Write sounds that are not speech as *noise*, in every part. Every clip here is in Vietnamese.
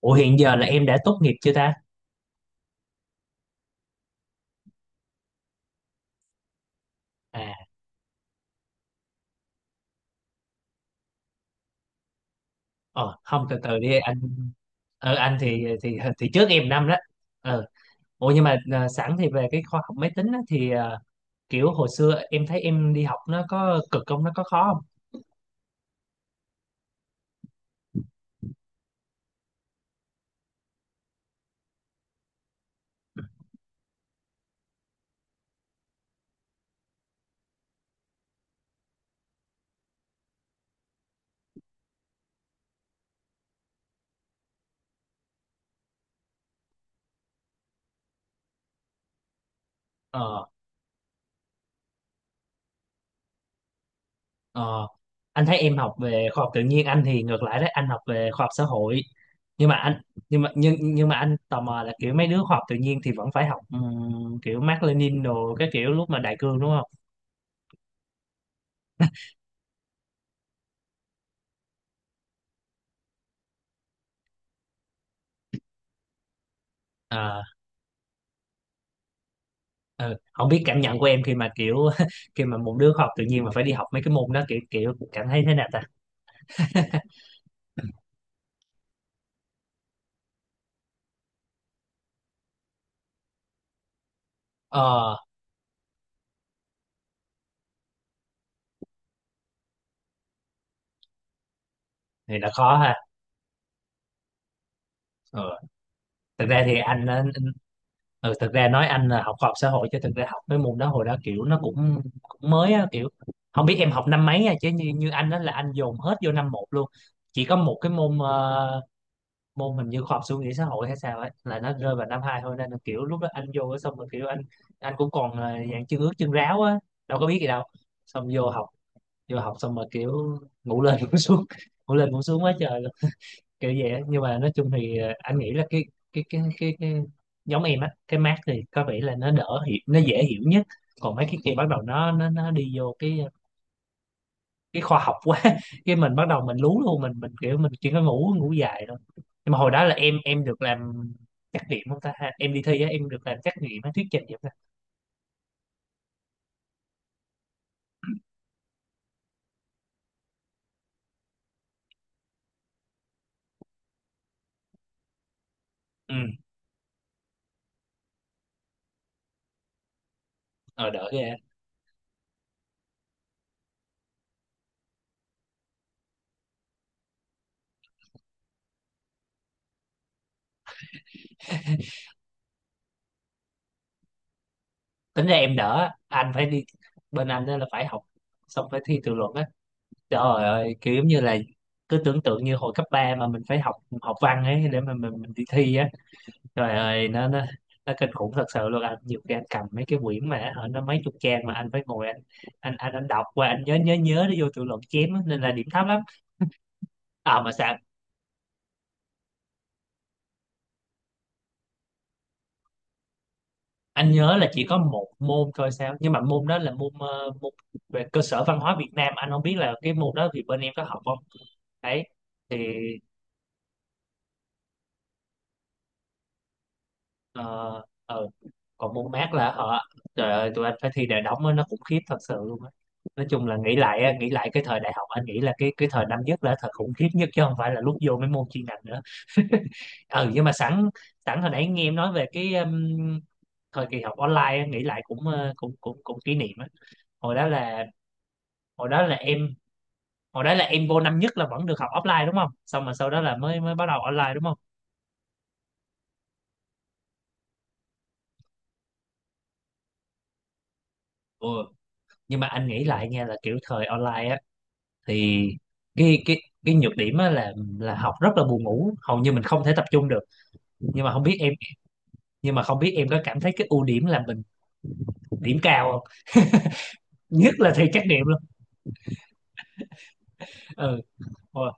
Ủa hiện giờ là em đã tốt nghiệp chưa ta? À, ờ, không từ từ đi anh. Ờ, anh thì trước em năm đó. Ờ, ủa nhưng mà sẵn thì về cái khoa học máy tính á, thì kiểu hồi xưa em thấy em đi học nó có cực không? Nó có khó không? Ờ, ờ. Anh thấy em học về khoa học tự nhiên, anh thì ngược lại đấy, anh học về khoa học xã hội. Nhưng mà anh nhưng mà anh tò mò là kiểu mấy đứa khoa học tự nhiên thì vẫn phải học kiểu Mác Lênin đồ, cái kiểu lúc mà đại cương đúng không? Ờ, ừ. Không biết cảm nhận của em khi mà kiểu *laughs* khi mà một đứa học tự nhiên mà phải đi học mấy cái môn đó kiểu kiểu cảm thấy thế nào ta? *laughs* Ờ, thì là khó ha. Ờ, thực ra thì anh á, ừ, thực ra nói anh là học khoa học xã hội chứ thực ra học mấy môn đó hồi đó kiểu nó cũng cũng mới á, kiểu không biết em học năm mấy nha, chứ như như anh đó là anh dồn hết vô năm một luôn. Chỉ có một cái môn môn hình như khoa học suy nghĩ xã hội hay sao ấy là nó rơi vào năm hai thôi, nên là kiểu lúc đó anh vô xong rồi kiểu anh cũng còn ờ, dạng chân ướt chân ráo á, đâu có biết gì đâu, xong vô học xong mà kiểu ngủ lên ngủ xuống *laughs* ngủ lên ngủ xuống quá trời luôn, kiểu vậy á. Nhưng mà nói chung thì ờ, anh nghĩ là cái giống em á, cái mát thì có vẻ là nó đỡ hiểu, nó dễ hiểu nhất, còn mấy cái kia bắt đầu nó đi vô cái khoa học quá *laughs* cái mình bắt đầu mình lú luôn, mình kiểu mình chỉ có ngủ, ngủ dài thôi. Nhưng mà hồi đó là em được làm trắc nghiệm không ta ha, em đi thi á em được làm trắc nghiệm á, thuyết trình vậy ta? Ừ, ờ, đỡ ghê á. Tính ra em đỡ, anh phải đi, bên anh á là phải học xong phải thi tự luận á. Trời ơi, kiểu giống như là cứ tưởng tượng như hồi cấp 3 mà mình phải học, học văn ấy để mà mình đi thi á. Trời ơi, nó nó kinh khủng thật sự luôn anh. Nhiều khi anh cầm mấy cái quyển mà ở nó mấy chục trang mà anh phải ngồi anh, anh đọc qua anh nhớ nhớ nhớ để vô tự luận chém á, nên là điểm thấp lắm. À mà sao anh nhớ là chỉ có một môn thôi sao? Nhưng mà môn đó là môn ờ, môn về cơ sở văn hóa Việt Nam, anh không biết là cái môn đó thì bên em có học không? Đấy thì ờ, ờ, còn môn mát là họ, trời ơi tụi anh phải thi đại đóng á, nó cũng khiếp thật sự luôn á. Nói chung là nghĩ lại á, nghĩ lại cái thời đại học anh nghĩ là cái thời năm nhất là thời khủng khiếp nhất chứ không phải là lúc vô mấy môn chuyên ngành nữa. *laughs* Ừ nhưng mà sẵn, sẵn hồi nãy nghe em nói về cái thời kỳ học online á, nghĩ lại cũng ờ, cũng cũng cũng kỷ niệm á. Hồi đó là, hồi đó là em hồi đó là em vô năm nhất là vẫn được học offline đúng không, xong mà sau đó là mới mới bắt đầu online đúng không? Ừ, nhưng mà anh nghĩ lại nha là kiểu thời online á thì cái cái cái nhược điểm á là học rất là buồn ngủ, hầu như mình không thể tập trung được. Nhưng mà không biết em, nhưng mà không biết em có cảm thấy cái ưu điểm là mình điểm cao không, nhất là thi trắc nghiệm luôn. Ừ, hồi,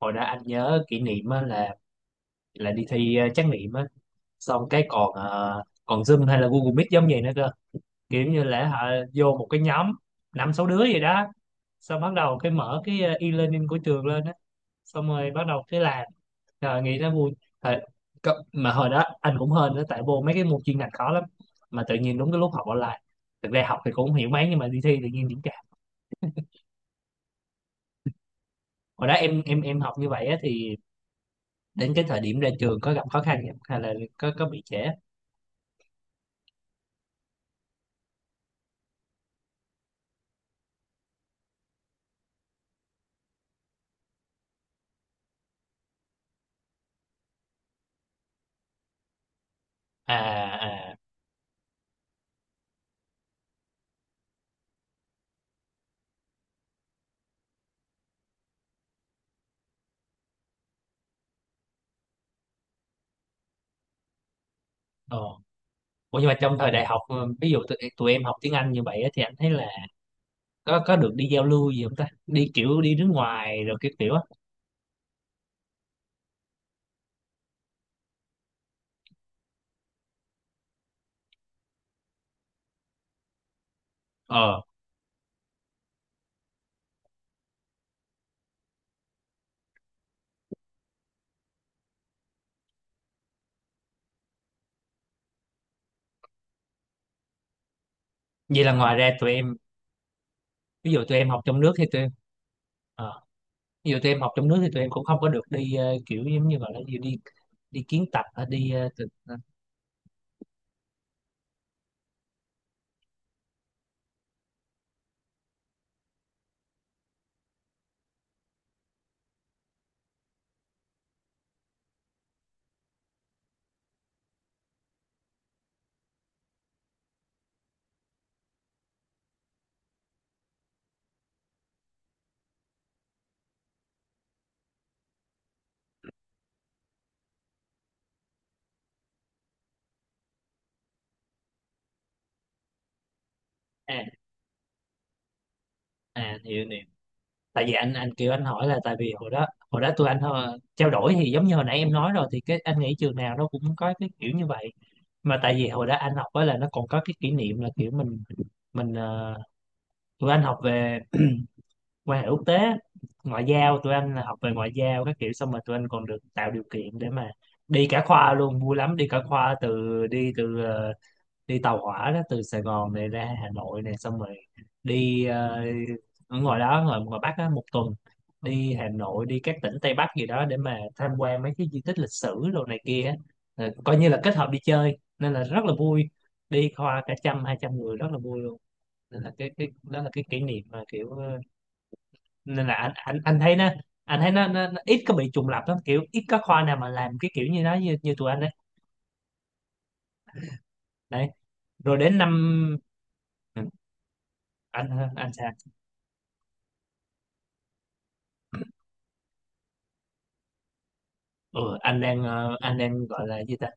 hồi đó anh nhớ kỷ niệm á là đi thi ờ, trắc nghiệm á, xong cái còn ờ, còn Zoom hay là Google Meet giống vậy nữa cơ, kiểu như là họ vô một cái nhóm năm sáu đứa vậy đó, xong bắt đầu cái mở cái ờ, e-learning của trường lên á, xong rồi bắt đầu cái làm. Trời, nghĩ nó vui. Thời, có- mà hồi đó anh cũng hên đó, tại vô mấy cái môn chuyên ngành khó lắm mà tự nhiên đúng cái lúc học online, thực ra học thì cũng không hiểu mấy nhưng mà đi thi tự nhiên điểm cao. Hồi đó em học như vậy á, thì đến cái thời điểm ra trường có gặp khó khăn không? Hay là có bị trễ? À, à, ờ. Ủa nhưng mà trong thời đại học ờ, ví dụ tụi em học tiếng Anh như vậy á, thì anh thấy là có được đi giao lưu gì không ta, đi kiểu đi nước ngoài rồi cái kiểu á? Ờ, vậy là ngoài ra tụi em, ví dụ tụi em học trong nước thì tụi em ờ, ví tụi em học trong nước thì tụi em cũng không có được đi ờ, kiểu giống như gọi là gì, đi đi kiến tập hay đi ờ, thực-. À, à hiểu nè, tại vì anh kiểu anh hỏi là tại vì hồi đó tụi anh ờ, trao đổi thì giống như hồi nãy em nói rồi thì cái anh nghĩ trường nào nó cũng có cái kiểu như vậy. Mà tại vì hồi đó anh học á là nó còn có cái kỷ niệm là kiểu mình ờ, tụi anh học về quan hệ quốc tế, ngoại giao, tụi anh là học về ngoại giao các kiểu, xong rồi tụi anh còn được tạo điều kiện để mà đi cả khoa luôn, vui lắm, đi cả khoa, từ đi từ ờ, đi tàu hỏa đó từ Sài Gòn này ra Hà Nội này, xong rồi đi ờ, ở ngoài đó ngoài ngoài Bắc á một tuần, đi Hà Nội đi các tỉnh Tây Bắc gì đó để mà tham quan mấy cái di tích lịch sử đồ này kia á. Ờ, coi như là kết hợp đi chơi nên là rất là vui, đi khoa cả trăm hai trăm người, rất là vui luôn. Nên là cái đó là cái kỷ niệm mà kiểu ờ, nên là anh anh thấy nó, anh thấy nó ít có bị trùng lặp lắm, kiểu ít có khoa nào mà làm cái kiểu như đó như như tụi anh đấy. Đấy, rồi đến năm, Ừ, anh anh sao? Ừ, anh đang ờ, anh đang gọi là gì ta,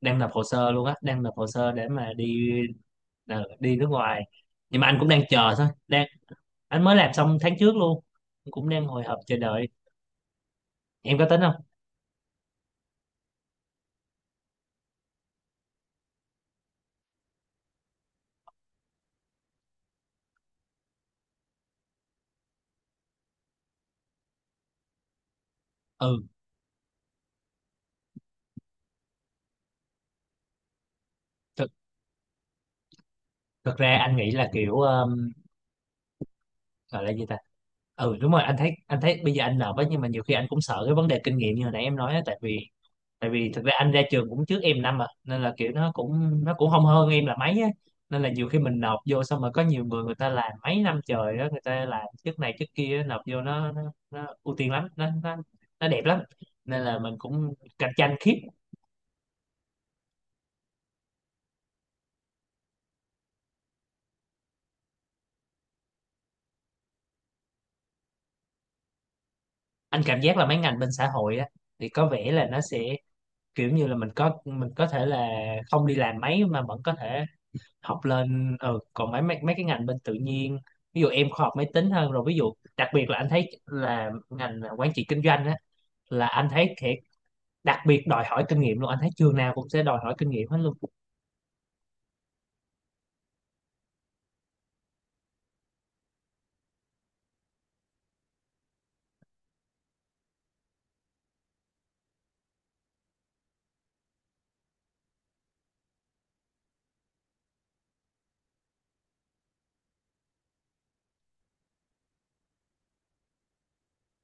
đang nộp hồ sơ luôn á, đang nộp hồ sơ để mà đi ờ, đi nước ngoài. Nhưng mà anh cũng đang chờ thôi, đang, anh mới làm xong tháng trước luôn, cũng đang hồi hộp chờ đợi. Em có tính không? Ừ, thực thực ra anh nghĩ là kiểu gọi là gì ta, ừ đúng rồi, anh thấy, anh thấy bây giờ anh nộp á, nhưng mà nhiều khi anh cũng sợ cái vấn đề kinh nghiệm như hồi nãy em nói á, tại vì, tại vì thực ra anh ra trường cũng trước em năm mà, nên là kiểu nó cũng, nó cũng không hơn em là mấy á, nên là nhiều khi mình nộp vô xong rồi có nhiều người, người ta làm mấy năm trời đó, người ta làm chức này chức kia nộp vô nó ưu tiên lắm, nó đẹp lắm, nên là mình cũng cạnh tranh khiếp. Anh cảm giác là mấy ngành bên xã hội á thì có vẻ là nó sẽ kiểu như là mình có, mình có thể là không đi làm mấy mà vẫn có thể học lên. Ừ, còn mấy, mấy mấy cái ngành bên tự nhiên, ví dụ em khoa học máy tính hơn rồi, ví dụ đặc biệt là anh thấy là ngành quản trị kinh doanh á là anh thấy thiệt đặc biệt đòi hỏi kinh nghiệm luôn, anh thấy trường nào cũng sẽ đòi hỏi kinh nghiệm hết luôn.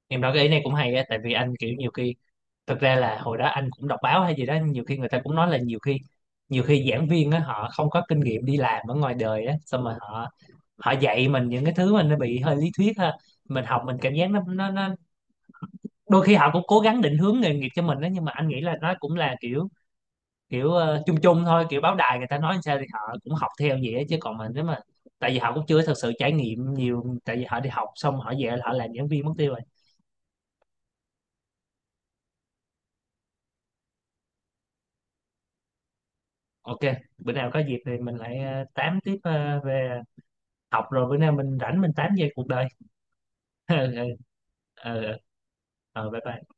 Em nói cái ý này cũng hay á, tại vì anh kiểu nhiều khi, thực ra là hồi đó anh cũng đọc báo hay gì đó, nhiều khi người ta cũng nói là nhiều khi, nhiều khi giảng viên á họ không có kinh nghiệm đi làm ở ngoài đời á, xong mà họ, họ dạy mình những cái thứ mà nó bị hơi lý thuyết ha, mình học mình cảm giác nó đôi khi họ cũng cố gắng định hướng nghề nghiệp cho mình đó, nhưng mà anh nghĩ là nó cũng là kiểu, kiểu ờ, chung chung thôi, kiểu báo đài người ta nói sao thì họ cũng học theo vậy á. Chứ còn mình nếu mà, tại vì họ cũng chưa thực sự trải nghiệm nhiều, tại vì họ đi học xong họ về là họ làm giảng viên mất tiêu rồi. Ok, bữa nào có dịp thì mình lại ờ, tám tiếp ờ, về học, rồi bữa nào mình rảnh mình tám về cuộc đời. *laughs* Ờ, ờ, ờ, bye bye.